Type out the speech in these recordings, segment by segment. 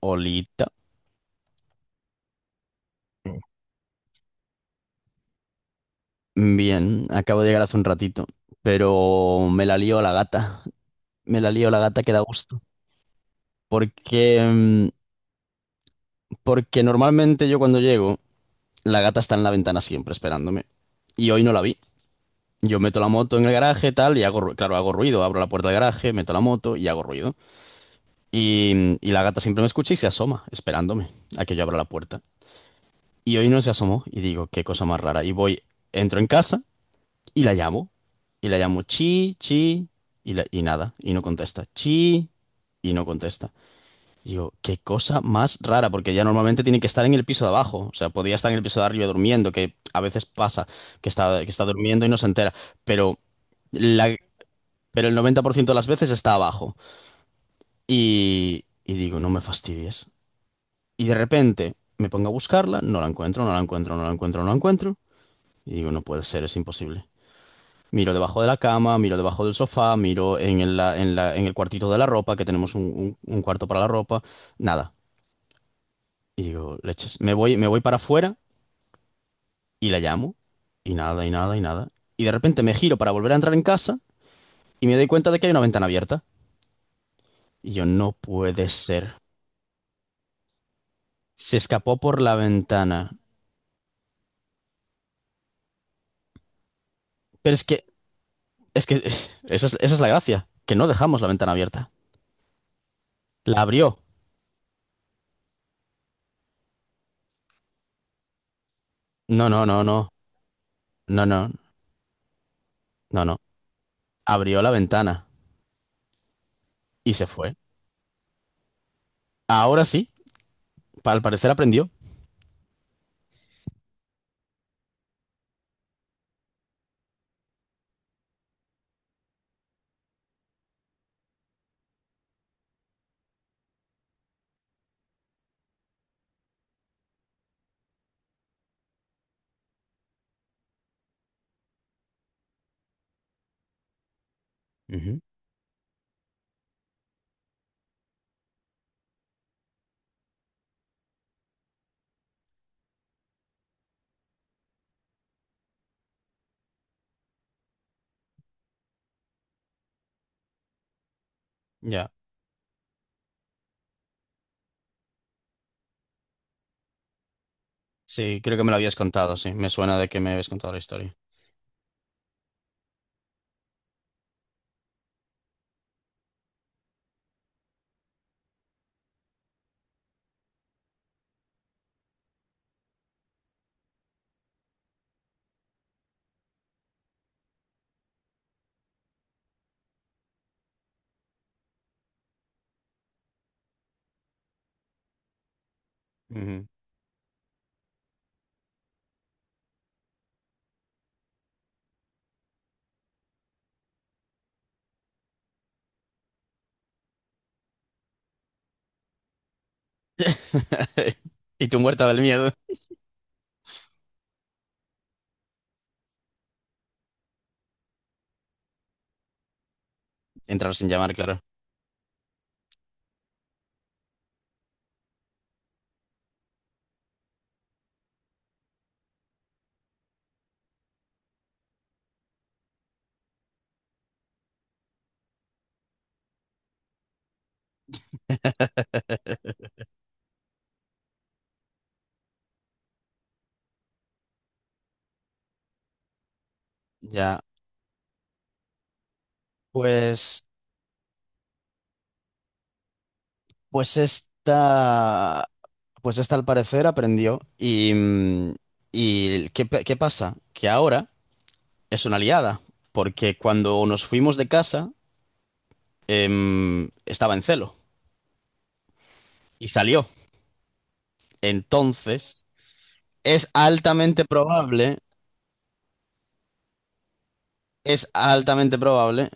Olita. Bien, acabo de llegar hace un ratito, pero me la lío la gata. Me la lío la gata que da gusto. Porque, mm, porque normalmente yo cuando llego, la gata está en la ventana siempre esperándome. Y hoy no la vi. Yo meto la moto en el garaje, tal, y claro, hago ruido. Abro la puerta del garaje, meto la moto y hago ruido. Y la gata siempre me escucha y se asoma, esperándome a que yo abra la puerta. Y hoy no se asomó y digo, qué cosa más rara. Y voy, entro en casa. Y la llamo. Y la llamo chi, chi, y nada. Y no contesta. Chi, y no contesta. Y yo, qué cosa más rara, porque ella normalmente tiene que estar en el piso de abajo. O sea, podría estar en el piso de arriba durmiendo, que a veces pasa, que está durmiendo y no se entera. Pero, la, pero el 90% de las veces está abajo. Y digo, no me fastidies. Y de repente me pongo a buscarla, no la encuentro, no la encuentro, no la encuentro, no la encuentro. Y digo, no puede ser, es imposible. Miro debajo de la cama, miro debajo del sofá, miro en el cuartito de la ropa, que tenemos un cuarto para la ropa, nada. Y digo, leches, me voy para afuera y la llamo, y nada, y nada, y nada. Y de repente me giro para volver a entrar en casa y me doy cuenta de que hay una ventana abierta. Y yo, no puede ser. Se escapó por la ventana. Pero es que, esa es la gracia, que no dejamos la ventana abierta. La abrió. No, no, no, no, no, no, no, no. Abrió la ventana y se fue. Ahora sí. Al parecer aprendió. Ujú. Ya. Sí, creo que me lo habías contado, sí. Me suena de que me habías contado la historia. Ujú. Y tú muerta del miedo. Entrar sin llamar, claro. Ya. Pues, pues esta, pues esta al parecer aprendió. Y ¿qué pasa? Que ahora es una aliada. Porque cuando nos fuimos de casa, estaba en celo y salió. Entonces, es altamente probable, es altamente probable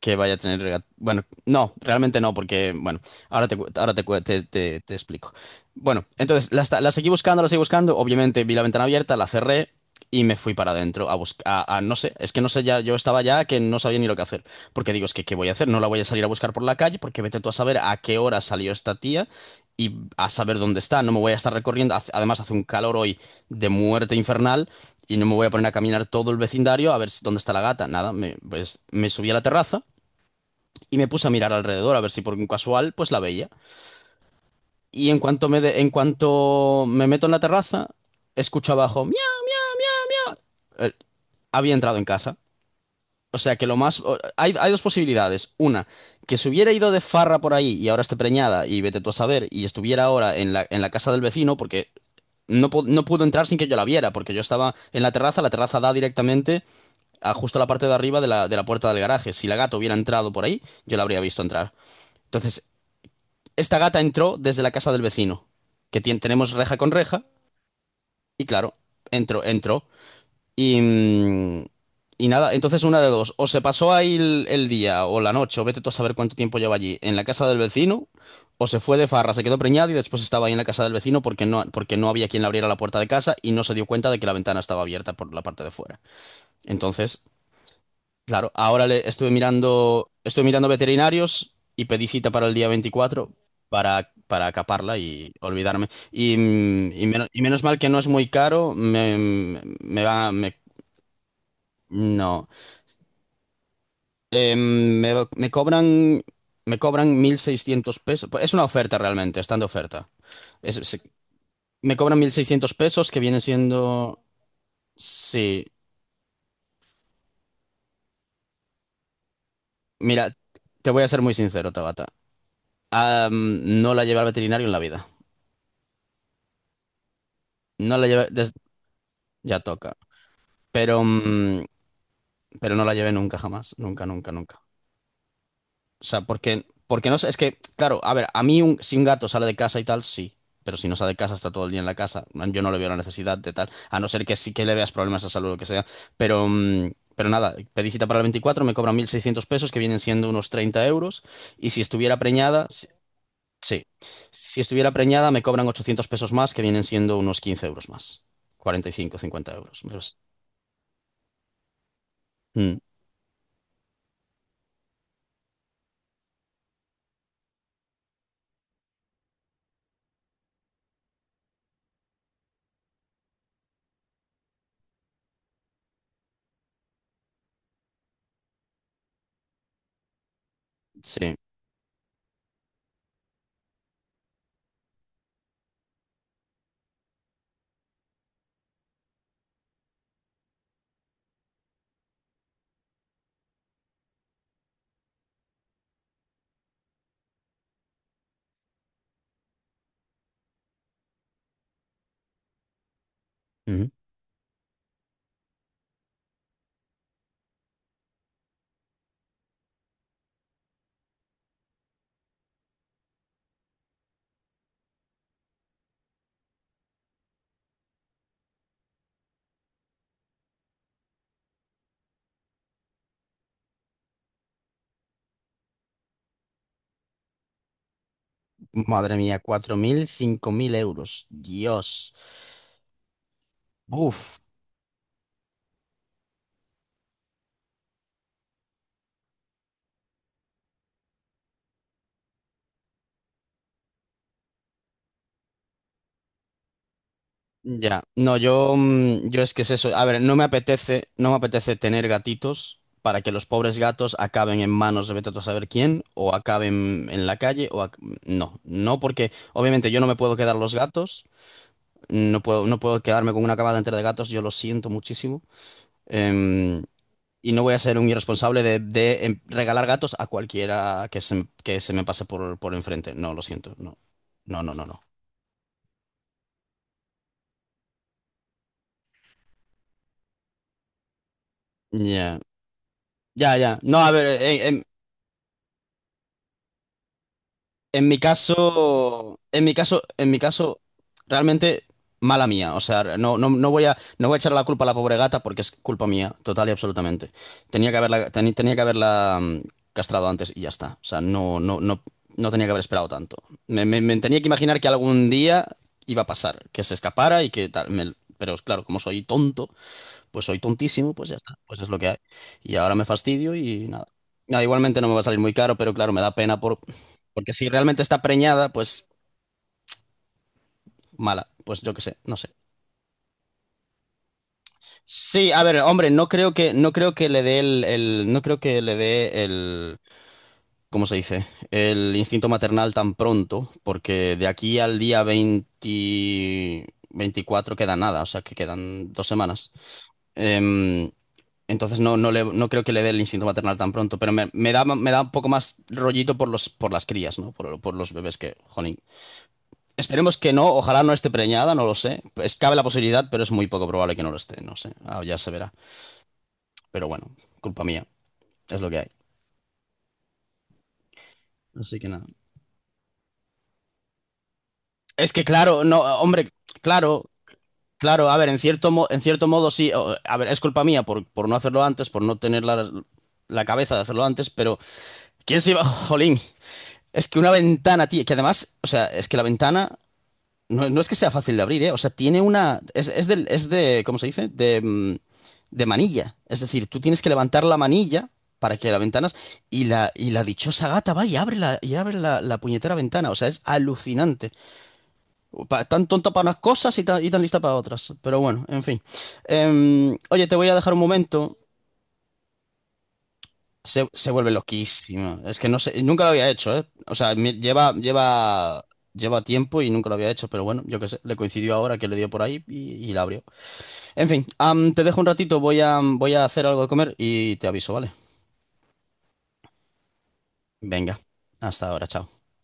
que vaya a tener Bueno, no, realmente no, porque, bueno, te explico. Bueno, entonces la seguí buscando, la seguí buscando. Obviamente vi la ventana abierta, la cerré y me fui para adentro a buscar. No sé, es que no sé ya, yo estaba ya que no sabía ni lo que hacer. Porque digo, es que, ¿qué voy a hacer? No la voy a salir a buscar por la calle, porque vete tú a saber a qué hora salió esta tía y a saber dónde está. No me voy a estar recorriendo. Además, hace un calor hoy de muerte infernal y no me voy a poner a caminar todo el vecindario a ver dónde está la gata. Nada, pues me subí a la terraza y me puse a mirar alrededor a ver si por un casual pues la veía. Y en cuanto me meto en la terraza, escucho abajo, "Miau". Eh, Había entrado en casa. O sea que lo más o- hay dos posibilidades. Una, que se hubiera ido de farra por ahí y ahora esté preñada y vete tú a saber y estuviera ahora en la casa del vecino porque no pudo entrar sin que yo la viera porque yo estaba en la terraza da directamente a justo la parte de arriba de la puerta del garaje. Si la gata hubiera entrado por ahí, yo la habría visto entrar. Entonces, esta gata entró desde la casa del vecino, que tenemos reja con reja, y claro, entró, entró. Y, mm, y nada, entonces una de dos, o se pasó ahí el día o la noche, o vete tú a saber cuánto tiempo lleva allí, en la casa del vecino, o se fue de farra, se quedó preñada y después estaba ahí en la casa del vecino porque no había quien le abriera la puerta de casa y no se dio cuenta de que la ventana estaba abierta por la parte de fuera. Entonces, claro, ahora le estuve mirando veterinarios y pedí cita para el día 24 para caparla y olvidarme. Y menos mal que no es muy caro, me va, me- no. Eh, me, me cobran, me cobran 1.600 pesos. Pues es una oferta realmente, están de oferta. Es- es- Me cobran 1.600 pesos que vienen siendo, sí. Mira, te voy a ser muy sincero, Tabata. No la llevé al veterinario en la vida. No la llevé. Ya toca. Pero, mm, pero no la llevé nunca, jamás. Nunca, nunca, nunca. O sea, porque no sé, es que, claro, a ver, a mí si un gato sale de casa y tal, sí. Pero si no sale de casa, está todo el día en la casa. Yo no le veo la necesidad de tal. A no ser que sí que le veas problemas de salud o lo que sea. Pero nada, pedí cita para el 24. Me cobran 1.600 pesos, que vienen siendo unos 30 euros. Y si estuviera preñada, sí. Sí. Si estuviera preñada, me cobran 800 pesos más, que vienen siendo unos 15 euros más. 45, 50 euros. Mm, sí. Madre mía, 4.000, 5.000 euros. Dios. Uf. Ya. No, yo es que es eso. A ver, no me apetece, no me apetece tener gatitos para que los pobres gatos acaben en manos de vete tú a saber quién, o acaben en la calle, o no. No, porque obviamente yo no me puedo quedar los gatos. No puedo, no puedo quedarme con una camada entera de gatos, yo lo siento muchísimo. Em, Y no voy a ser un irresponsable de regalar gatos a cualquiera que se me pase por enfrente. No, lo siento. No, no, no, no, no. Ya, ya, ya. No, a ver, en mi caso, en mi caso, en mi caso, realmente mala mía. O sea, no, no, no voy a echar la culpa a la pobre gata porque es culpa mía, total y absolutamente. Tenía que haberla castrado antes y ya está. O sea, no, no, no, no tenía que haber esperado tanto. Me tenía que imaginar que algún día iba a pasar, que se escapara y que tal. Pero claro, como soy tonto, pues soy tontísimo, pues ya está, pues es lo que hay. Y ahora me fastidio y nada. Nada, igualmente no me va a salir muy caro, pero claro, me da pena porque si realmente está preñada, pues mala, pues yo qué sé, no sé. Sí, a ver, hombre, no creo que le dé el- no creo que le dé el, ¿cómo se dice? El instinto maternal tan pronto, porque de aquí al día 20, 24 queda nada, o sea que quedan 2 semanas. Em, Entonces no, no, no creo que le dé el instinto maternal tan pronto, pero me da un poco más rollito por las crías, ¿no? Por los bebés que, jolín. Esperemos que no, ojalá no esté preñada, no lo sé. Cabe la posibilidad, pero es muy poco probable que no lo esté, no sé. Ah, ya se verá. Pero bueno, culpa mía, es lo que hay. Así que nada. Es que claro, no, hombre, claro, claro, a ver, en cierto modo sí, a ver, es culpa mía por no hacerlo antes, por no tener la cabeza de hacerlo antes, pero ¿quién se iba, jolín? Es que una ventana, tío, que además, o sea, es que la ventana no es que sea fácil de abrir, ¿eh? O sea, tiene una. Es de, ¿cómo se dice? De manilla. Es decir, tú tienes que levantar la manilla para que la ventana. Y la dichosa gata va y abre la puñetera ventana. O sea, es alucinante. Tan tonta para unas cosas y tan lista para otras. Pero bueno, en fin. Oye, te voy a dejar un momento. Se vuelve loquísimo. Es que no sé, nunca lo había hecho, ¿eh? O sea, lleva tiempo y nunca lo había hecho, pero bueno, yo qué sé, le coincidió ahora que le dio por ahí y la abrió. En fin, te dejo un ratito, voy a hacer algo de comer y te aviso, ¿vale? Venga, hasta ahora, chao.